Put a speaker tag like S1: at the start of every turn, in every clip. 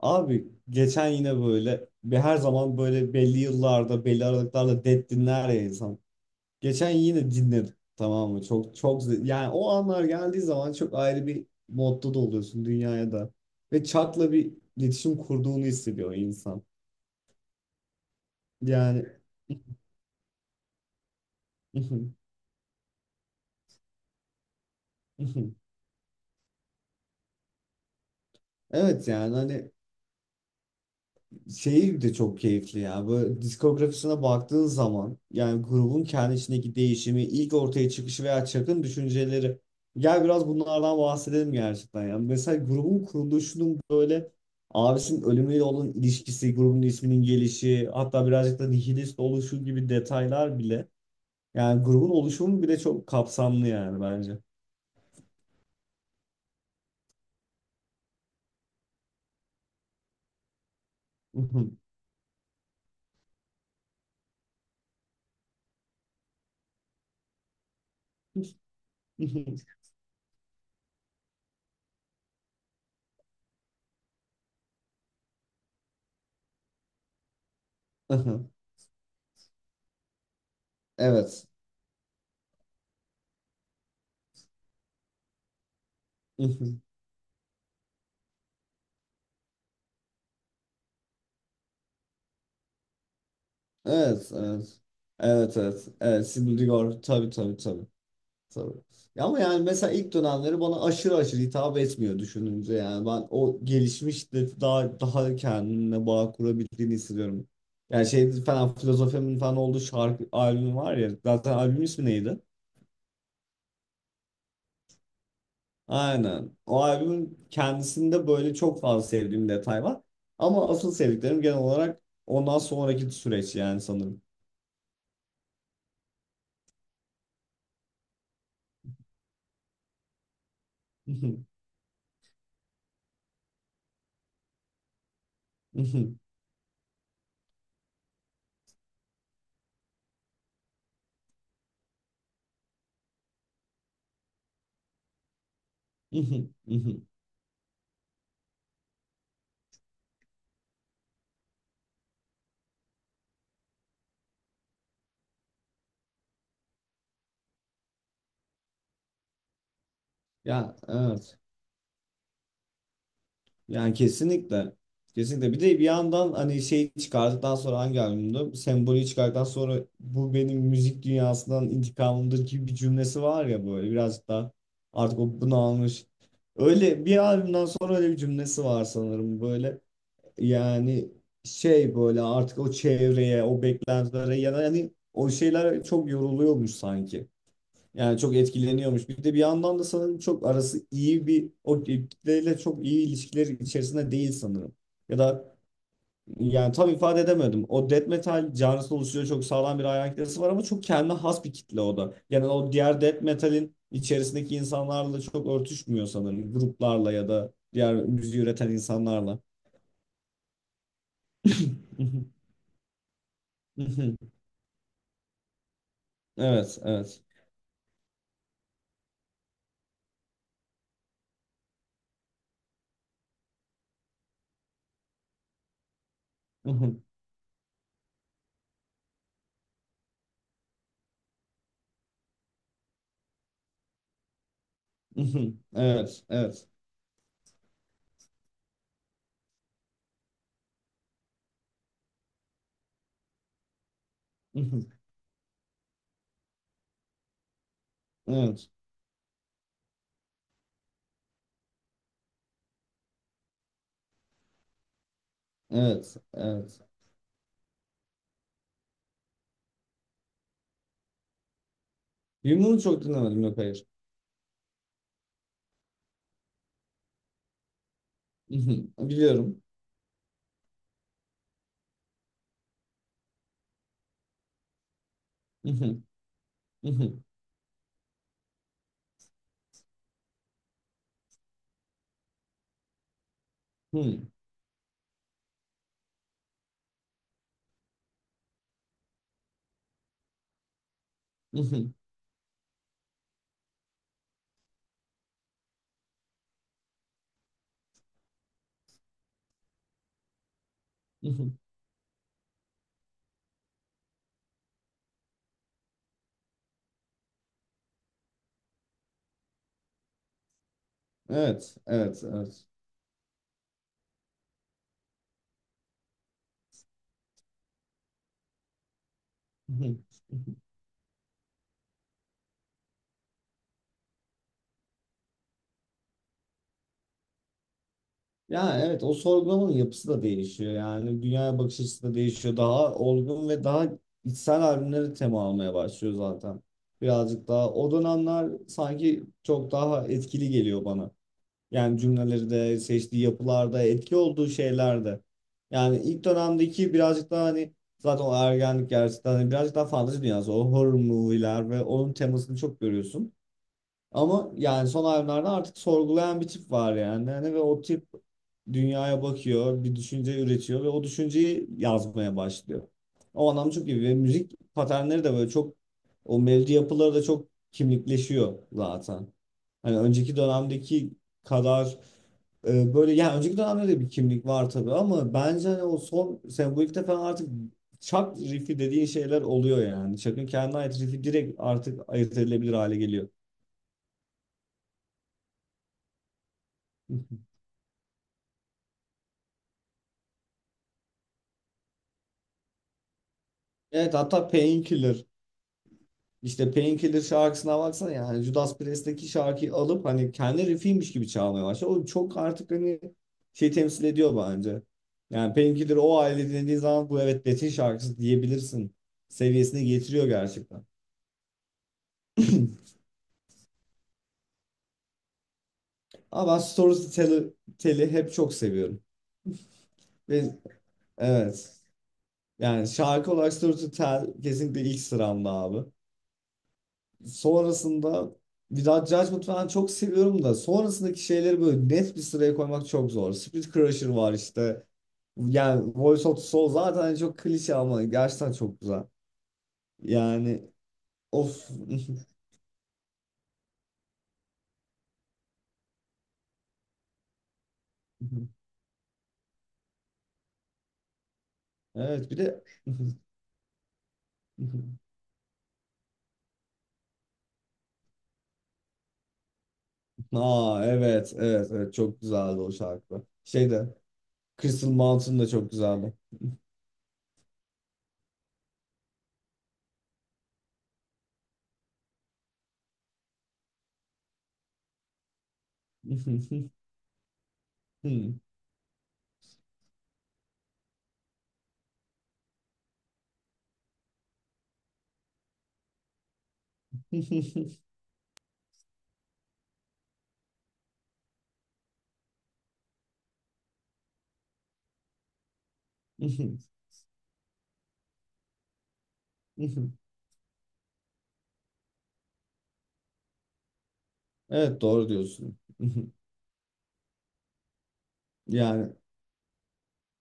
S1: Abi geçen yine böyle her zaman böyle belli yıllarda belli aralıklarla Dead dinler ya insan. Geçen yine dinledim, tamam mı? Çok yani o anlar geldiği zaman çok ayrı bir modda da oluyorsun dünyaya da. Ve Chuck'la bir iletişim kurduğunu hissediyor insan. Yani evet yani hani Şeyi de çok keyifli ya. Böyle diskografisine baktığın zaman yani grubun kendi içindeki değişimi, ilk ortaya çıkışı veya çakın düşünceleri. Gel biraz bunlardan bahsedelim gerçekten. Yani mesela grubun kuruluşunun böyle abisinin ölümüyle olan ilişkisi, grubun isminin gelişi, hatta birazcık da nihilist oluşu gibi detaylar bile. Yani grubun oluşumu bile çok kapsamlı yani bence. Evet. Evet, evet. Evet, evet. Evet, Sibel Digor. Tabii, tabii, tabii. Tabii. Ya ama yani mesela ilk dönemleri bana aşırı aşırı hitap etmiyor düşününce, yani ben o gelişmiş de daha kendine bağ kurabildiğini hissediyorum. Yani şey falan, filozofemin falan olduğu şarkı albümü var ya, zaten albümün ismi neydi? Aynen. O albümün kendisinde böyle çok fazla sevdiğim detay var. Ama asıl sevdiklerim genel olarak ondan sonraki süreç yani sanırım. Ya evet. Yani kesinlikle. Kesinlikle. Bir de bir yandan hani şeyi çıkardıktan sonra, hangi albümde? Sembolü çıkardıktan sonra, bu benim müzik dünyasından intikamımdır gibi bir cümlesi var ya, böyle birazcık daha artık o bunu almış. Öyle bir albümden sonra öyle bir cümlesi var sanırım böyle. Yani şey, böyle artık o çevreye, o beklentilere ya da hani o şeyler çok yoruluyormuş sanki. Yani çok etkileniyormuş. Bir de bir yandan da sanırım çok arası iyi bir o kitleyle çok iyi ilişkiler içerisinde değil sanırım. Ya da yani tam ifade edemedim. O death metal canlısı oluşuyor, çok sağlam bir hayran kitlesi var ama çok kendine has bir kitle o da. Yani o diğer death metal'in içerisindeki insanlarla çok örtüşmüyor sanırım. Gruplarla ya da diğer müziği üreten insanlarla. Evet, evet. Evet, evet. Evet, evet, evet. Yumruğunu çok dinlemedim. Yok, hayır. Mhm. Biliyorum. Mhm, mhm. Hmm. Mhm, mhm. Evet. Evet. Evet. Mhm, mhm. Ya evet, o sorgulamanın yapısı da değişiyor. Yani dünyaya bakış açısı da değişiyor. Daha olgun ve daha içsel albümleri tema almaya başlıyor zaten. Birazcık daha o dönemler sanki çok daha etkili geliyor bana. Yani cümleleri de, seçtiği yapılarda, etki olduğu şeylerde. Yani ilk dönemdeki birazcık daha, hani zaten o ergenlik gerçekten, hani birazcık daha fantezi dünyası. O horror movie'ler ve onun temasını çok görüyorsun. Ama yani son albümlerde artık sorgulayan bir tip var yani. Hani ve o tip dünyaya bakıyor, bir düşünce üretiyor ve o düşünceyi yazmaya başlıyor. O anlam çok iyi ve müzik paternleri de böyle çok, o melodi yapıları da çok kimlikleşiyor zaten. Hani önceki dönemdeki kadar böyle, yani önceki dönemde de bir kimlik var tabii ama bence hani o son sembolikte falan artık çak riff'i dediğin şeyler oluyor yani. Çakın kendine ait riff'i direkt artık ayırt edilebilir hale geliyor. Evet, hatta Painkiller. İşte Painkiller şarkısına baksana, yani Judas Priest'teki şarkıyı alıp hani kendi riffiymiş gibi çalmaya başladı. O çok artık hani şey temsil ediyor bence. Yani Painkiller o aile dinlediği zaman bu evet Metin şarkısı diyebilirsin seviyesine getiriyor gerçekten. Ama ben Tell'i hep çok seviyorum. Ve evet, yani şarkı olarak Storytel kesinlikle ilk sıramda abi. Sonrasında bir daha Judgment falan çok seviyorum da, sonrasındaki şeyleri böyle net bir sıraya koymak çok zor. Spirit Crusher var işte. Yani Voice of the Soul zaten hani çok klişe ama gerçekten çok güzel. Yani of. Evet bir de, aa evet evet evet çok güzeldi o şarkı. Şey de Crystal Mountain da çok güzeldi. Evet doğru diyorsun. Yani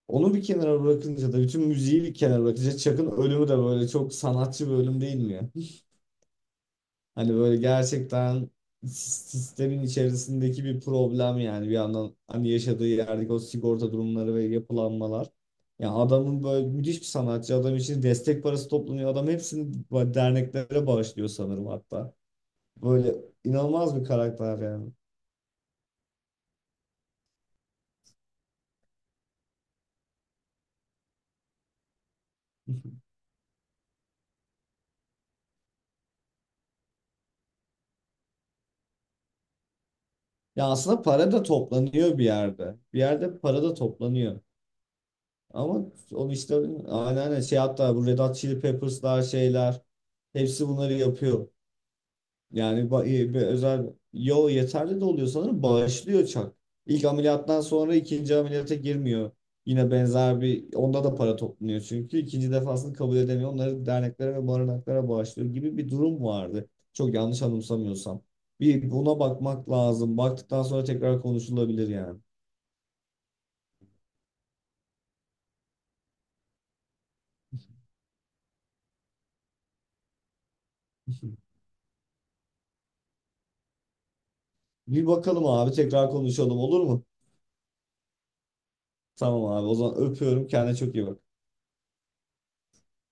S1: onu bir kenara bırakınca da, bütün müziği bir kenara bırakınca, Chuck'ın ölümü de böyle çok sanatçı bir ölüm değil mi ya? Hani böyle gerçekten sistemin içerisindeki bir problem yani, bir yandan hani yaşadığı yerdeki o sigorta durumları ve yapılanmalar. Ya adamın, böyle müthiş bir sanatçı adam için destek parası toplanıyor. Adam hepsini böyle derneklere bağışlıyor sanırım hatta. Böyle inanılmaz bir karakter yani. Ya aslında para da toplanıyor bir yerde. Bir yerde para da toplanıyor. Ama onu işte, aynen, aynen, şey hatta, bu Red Hot Chili Peppers'lar, şeyler, hepsi bunları yapıyor. Yani bir özel, yo yeterli de oluyor sanırım, bağışlıyor Chuck. İlk ameliyattan sonra ikinci ameliyata girmiyor. Yine benzer bir, onda da para toplanıyor çünkü ikinci defasını kabul edemiyor. Onları derneklere ve barınaklara bağışlıyor gibi bir durum vardı. Çok yanlış anımsamıyorsam. Bir buna bakmak lazım. Baktıktan sonra tekrar konuşulabilir yani. Bir bakalım abi, tekrar konuşalım olur mu? Tamam abi, o zaman öpüyorum. Kendine çok iyi bak.